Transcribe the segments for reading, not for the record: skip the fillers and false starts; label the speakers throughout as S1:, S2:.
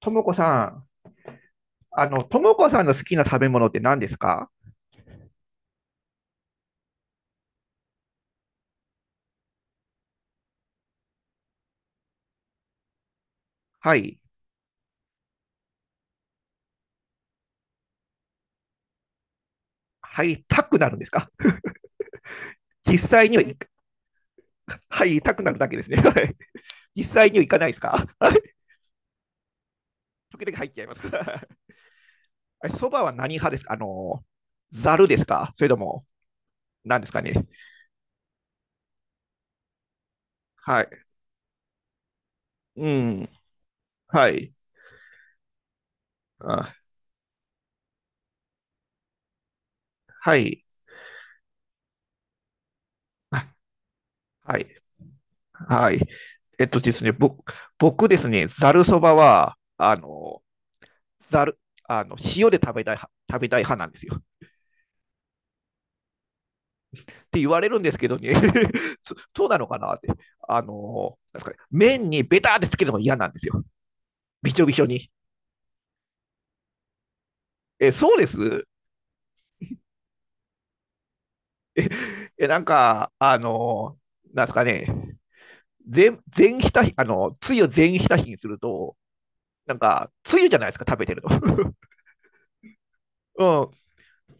S1: ともこさん、ともこさんの好きな食べ物って何ですか？はい。入りたくなるんですか？実際には入りたくなるだけですね。はい。実際には行かないですか？はい。時々入っちゃいます。そばは何派ですか？ざるですか？それとも、何ですかね？はい。うん。はい。あ、はい。あ、はい。はい。えっとですね、僕ですね、ざるそばは、ざる、あの、塩で食べたい派なんですよ。って言われるんですけどね そうなのかなって。なんですかね、麺にベターってつけるのが嫌なんですよ、びちょびちょに。え、そうです。え、なんか、なんですかね、全全ひたひ、あの、つゆを全ひたひにすると、なんか、つゆじゃないですか、食べてると。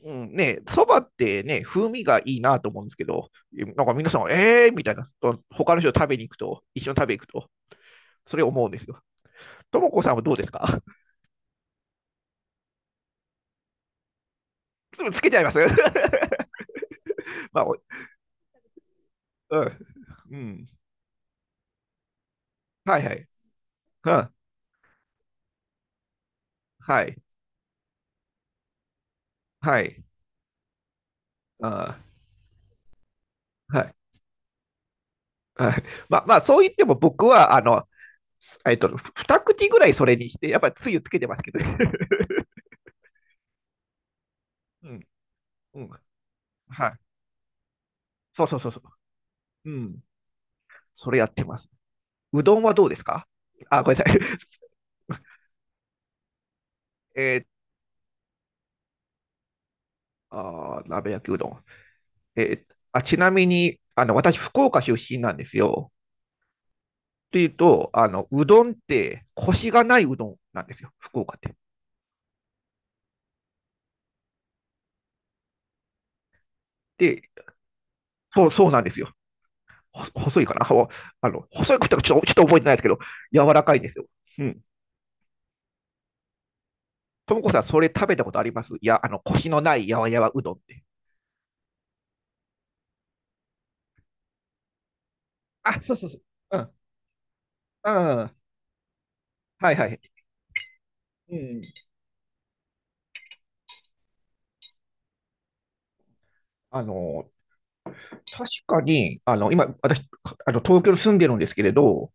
S1: うん、うん、ね、そばってね、風味がいいなと思うんですけど、なんか皆さん、えーみたいな、と他の人と食べに行くと、一緒に食べに行くと、それ思うんですよ。ともこさんはどうですか？ つけちゃいます？ まあ、うんうん、はいはい。うん、はいはい、あ、ーはいはい、まあまあそう言っても僕はえっと、二口ぐらいそれにして、やっぱりつゆつけてますけど。うんうん、はい。そうそうそうそう。うん。それやってます。うどんはどうですか？あ、ごめんなさい。えー、あー、鍋焼きうどん。ちなみに、私、福岡出身なんですよ。っていうと、うどんって、コシがないうどんなんですよ、福岡って。で、そうなんですよ。細いかな。細いことはちょっとちょっと覚えてないですけど、柔らかいんですよ。うん。ともこさん、それ食べたことあります？いや、コシのないやわやわうどんって。あ、そうそうそう。うん。うん。はいはい。うん。あの、確かに、今、私、東京に住んでるんですけれど、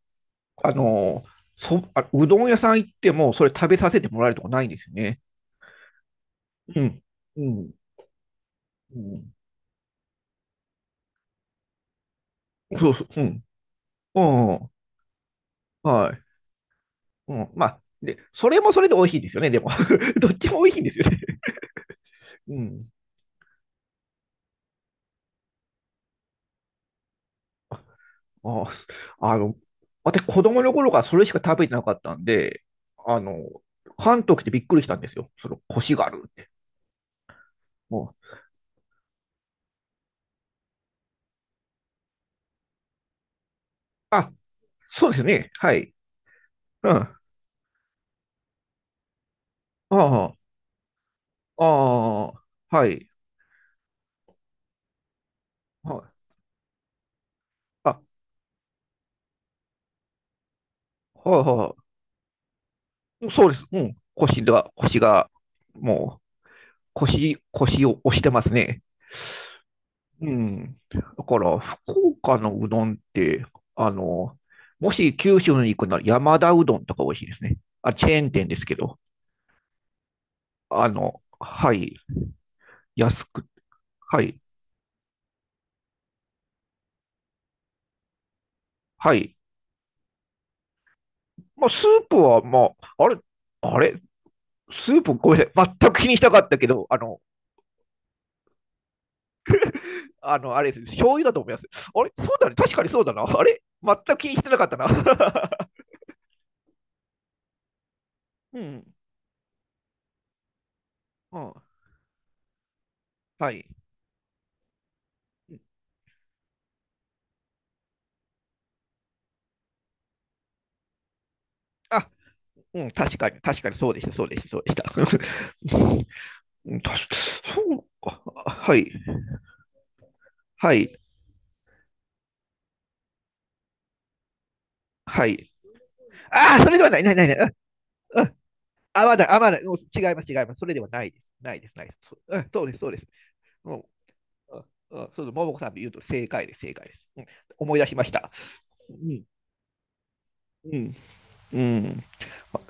S1: あの、うどん屋さん行っても、それ食べさせてもらえるとこないんですよね。うん。うん。うん。そうそう。うん。うん。はい。うん。まあ、で、それもそれで美味しいですよね、でも。どっちも美味しいんですよね。うん。あ、あの、私、子供の頃からそれしか食べてなかったんで、あの、関東来てびっくりしたんですよ。コシがあるって。もう、あ、そうですね。はい。うん。ああ、ああ、はい。はい、あ、はい、はい。そうです。うん。コシが、コシが、もう、コシ、コシを押してますね。うん。だから、福岡のうどんって、あの、もし九州に行くなら山田うどんとか美味しいですね。あ、チェーン店ですけど、はい、安く、はい、はい。まあ、スープは、まあ、あれ、スープ、ごめんなさい、全く気にしたかったけど、あれですね、醤油だと思います。あれ、そうだね、確かにそうだな。あれ、全く気にしてなかったな。うん、うん、はい。あ、うん、確かに、確かにそうでした、そうでした、そうでした。うんたし、そう、あ、はい、はい、はい。ああ、それではない、ない、ない、ない。あ、ああ、まだ、あ、まだ、もう違います、違います。それではないです。ないです、ないです。そうです、そうです。もう、ああ、そうです。ももこさんで言うと正解です、正解です。うん、思い出しました。うん、うん、うん。あ、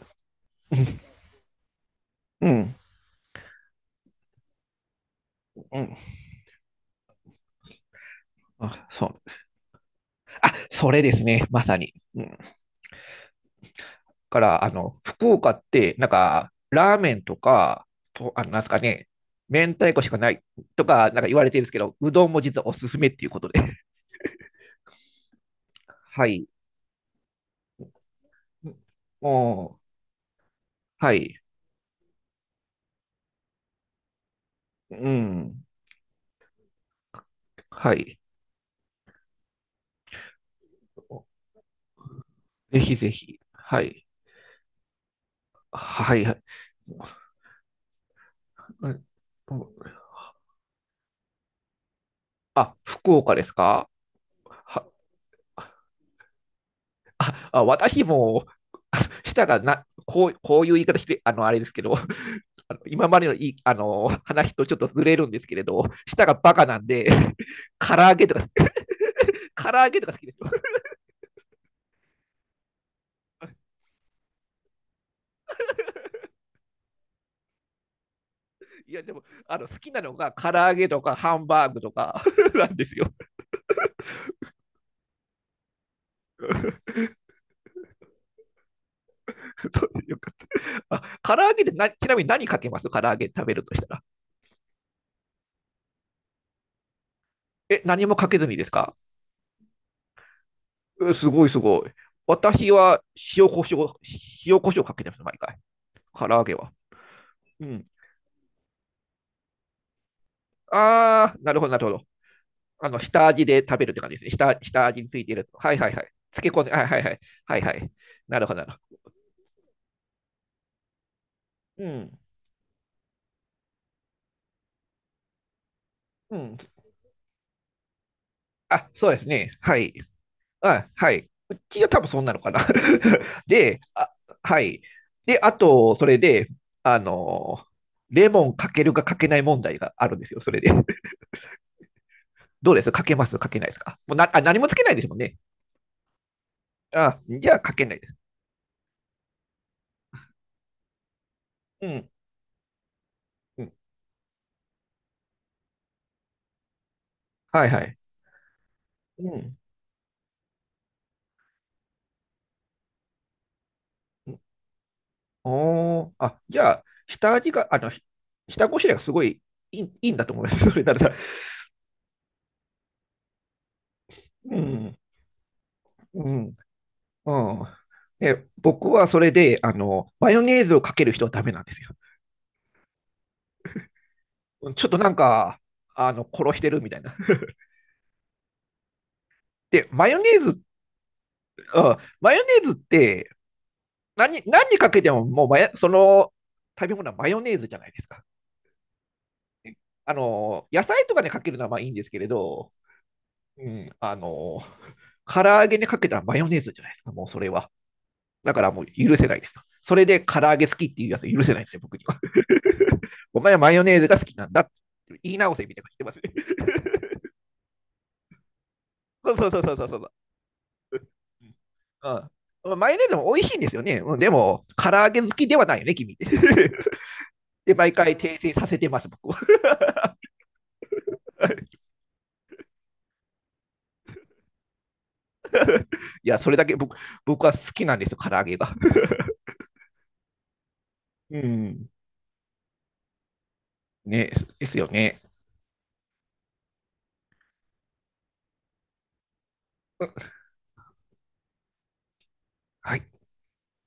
S1: うん、うん、うん。あ、そう。あ、それですね、まさに。うん、から、福岡って、なんか、ラーメンとか、と、なんですかね、明太子しかないとか、なんか言われてるんですけど、うどんも実はおすすめっていうことで。はい。もう、はい。うん。はい。ぜひぜひ。はい。はい。はい。うん、あ、福岡ですか？はあ、あ、私も、あしたらな、こういう言い方して、あれですけど、今までのいい話とちょっとずれるんですけれど、舌がバカなんで、唐揚げとか、唐揚げとか好きですよ。いや、でも、好きなのが唐揚げとかハンバーグとか なんですよ。そういうか、あ、唐揚げで、な、ちなみに何かけます？唐揚げ食べるとしたら。え、何もかけずにですか？う、すごいすごい。私は塩コショウ、塩コショウかけてます、毎回。唐揚げは。うん。あー、なるほど、なるほど。下味で食べるって感じですね。下味についているやつ。はいはいはい。漬け込んで、はいはいはい。はいはい。なるほど、なるほど。うん。うん。あ、そうですね。はい。あ、はい。うちは多分そんなのかな。で、あ、はい。で、あと、それで、あのーレモンかけるかかけない問題があるんですよ、それで。どうですか？けますかけないですか？もうなあ、何もつけないですもんね。あ、じゃあかけないです。うん。うん、はいはい。うん。おー、あ、じゃあ、下味が、下ごしらえがすごいいいんだと思います。それなら、うん、うん、うん。ね、僕はそれで、マヨネーズをかける人はダメなんですよ。ちょっとなんか、殺してるみたいな。で、マヨネーズ、うん、マヨネーズって何にかけても、もうその食べ物はマヨネーズじゃないですか。野菜とかにかけるのはまあいいんですけれど、うん、唐揚げにかけたらマヨネーズじゃないですか、もうそれは。だからもう許せないですと。それで唐揚げ好きっていうやつ許せないですよ、僕には。お前はマヨネーズが好きなんだって言い直せみたいなこと言ってますね。そうそうそうそうそうそう。うんうん、マヨネーズも美味しいんですよね。でも、唐揚げ好きではないよね、君って。で、毎回訂正させてます、僕は。いや、それだけ僕は好きなんですよ、唐揚げが。うん。ね、ですよね。はい。